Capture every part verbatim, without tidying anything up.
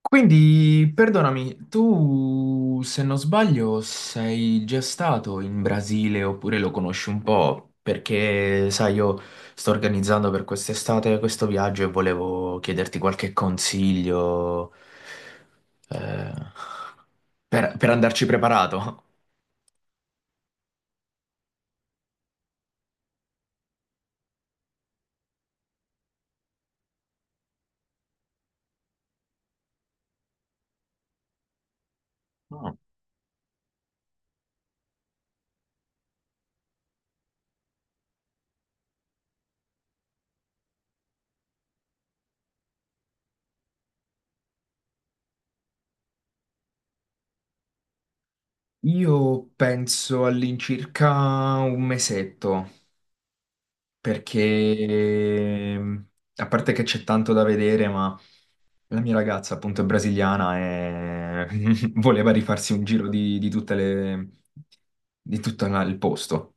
Quindi, perdonami, tu, se non sbaglio, sei già stato in Brasile oppure lo conosci un po'? Perché, sai, io sto organizzando per quest'estate questo viaggio e volevo chiederti qualche consiglio, eh, per, per andarci preparato. No. Io penso all'incirca un mesetto, perché a parte che c'è tanto da vedere, ma... La mia ragazza, appunto, è brasiliana e voleva rifarsi un giro di, di tutte le... di tutto la- il posto.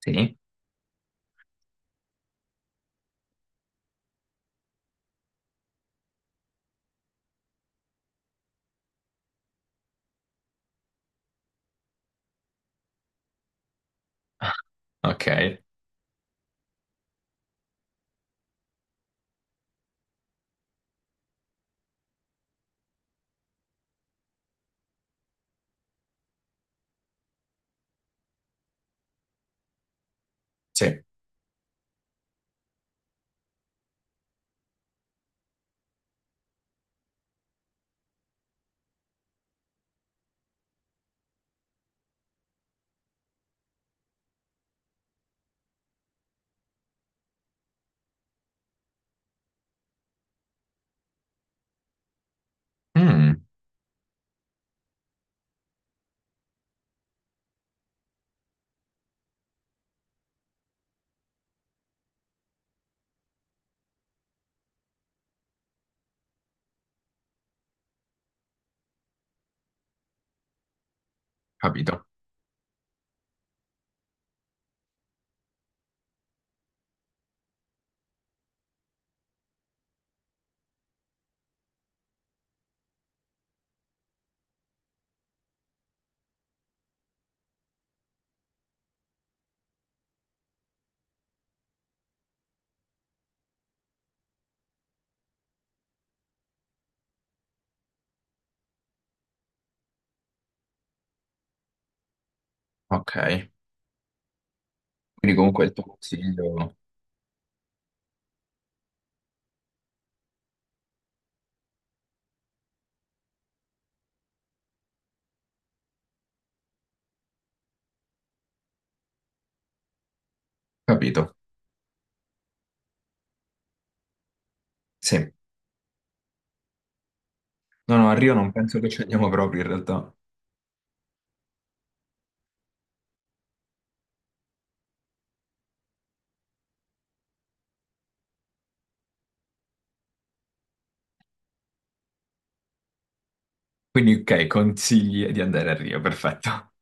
Sì. Ok. Sì. Mm, capito. Ok, quindi comunque il tuo consiglio... Capito. Sì. No, no, a Rio non penso che ci andiamo proprio in realtà. Quindi, ok, consigli di andare a Rio, perfetto.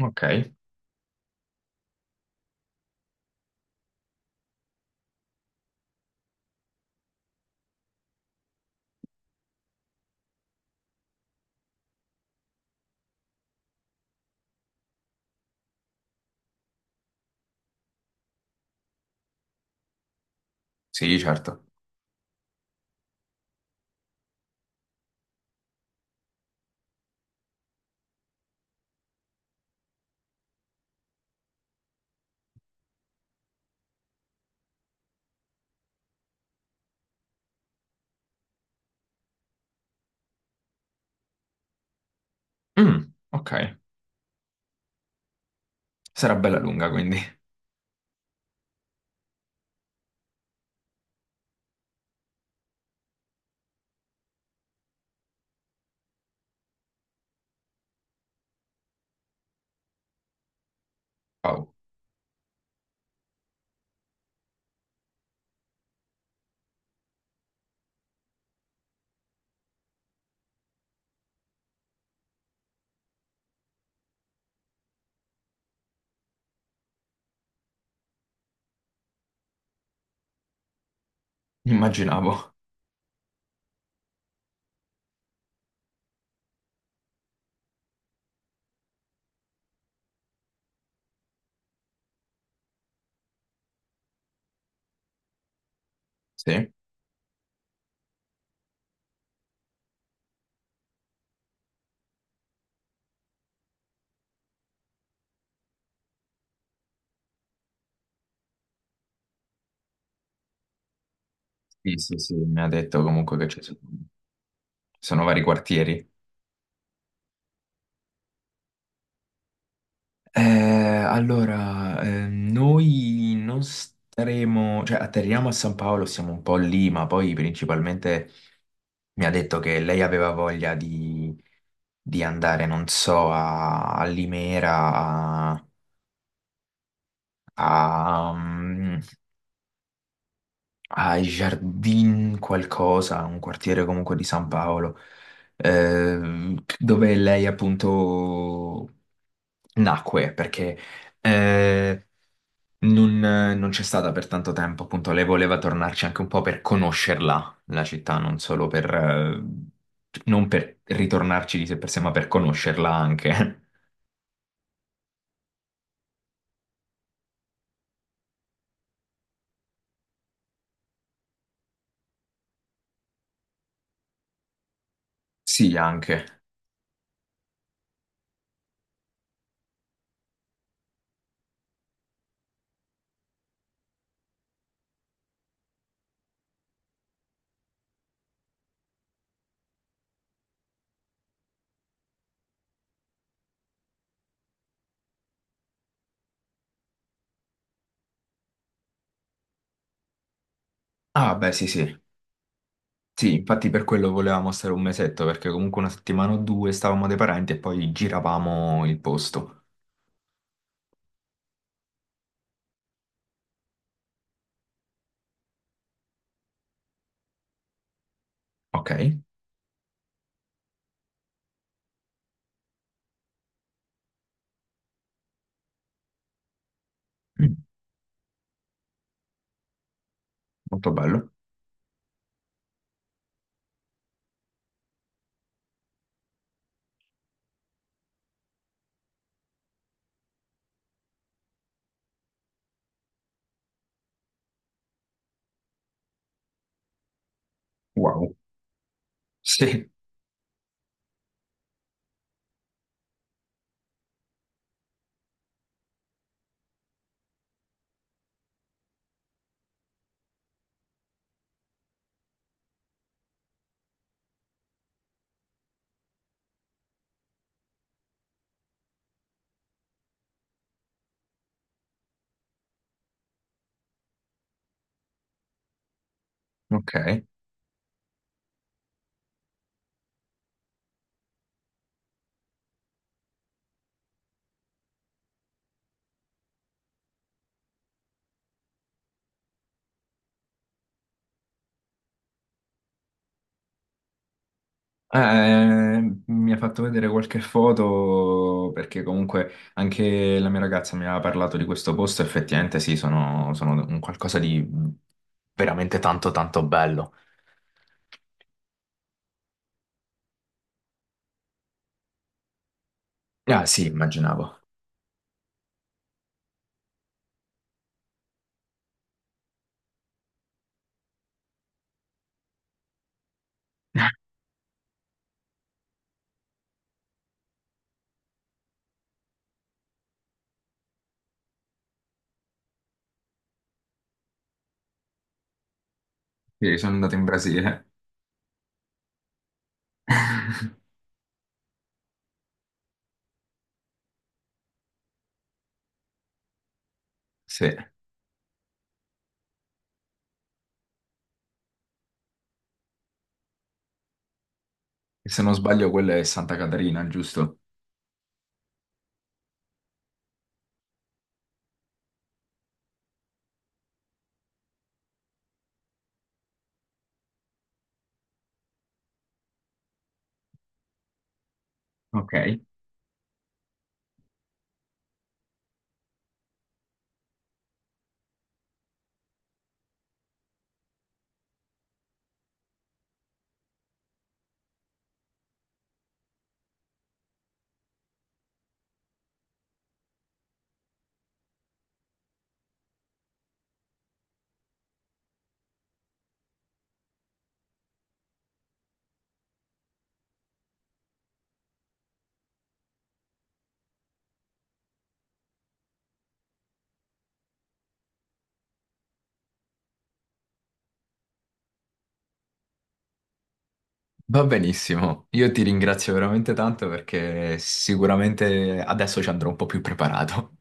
Ok, sì, certo. Mm, ok, sarà bella lunga quindi. Wow, immaginavo. Sì. Sì, sì, sì, mi ha detto comunque che ci sono, sono vari quartieri. Eh, allora, eh, noi non staremo, cioè atterriamo a San Paolo, siamo un po' lì, ma poi principalmente mi ha detto che lei aveva voglia di, di andare, non so, a, a Limera, a, a, mm, ai Jardin qualcosa, un quartiere comunque di San Paolo, eh, dove lei appunto nacque perché eh, non, non c'è stata per tanto tempo, appunto, lei voleva tornarci anche un po' per conoscerla, la città, non solo per, eh, non per ritornarci di sé per sé, ma per conoscerla anche. Sì, anche. Ah, beh, sì, sì. Sì, infatti per quello volevamo stare un mesetto, perché comunque una settimana o due stavamo dai parenti e poi giravamo il posto. Ok? Mm, molto bello. Wow. Sì, ok. Eh, mi ha fatto vedere qualche foto perché comunque anche la mia ragazza mi aveva parlato di questo posto, effettivamente sì, sono, sono un qualcosa di veramente tanto tanto bello. Ah sì, immaginavo. Sì, sono andato in Brasile, sì. E se non sbaglio quella è Santa Catarina, giusto? Ok. Va benissimo, io ti ringrazio veramente tanto perché sicuramente adesso ci andrò un po' più preparato.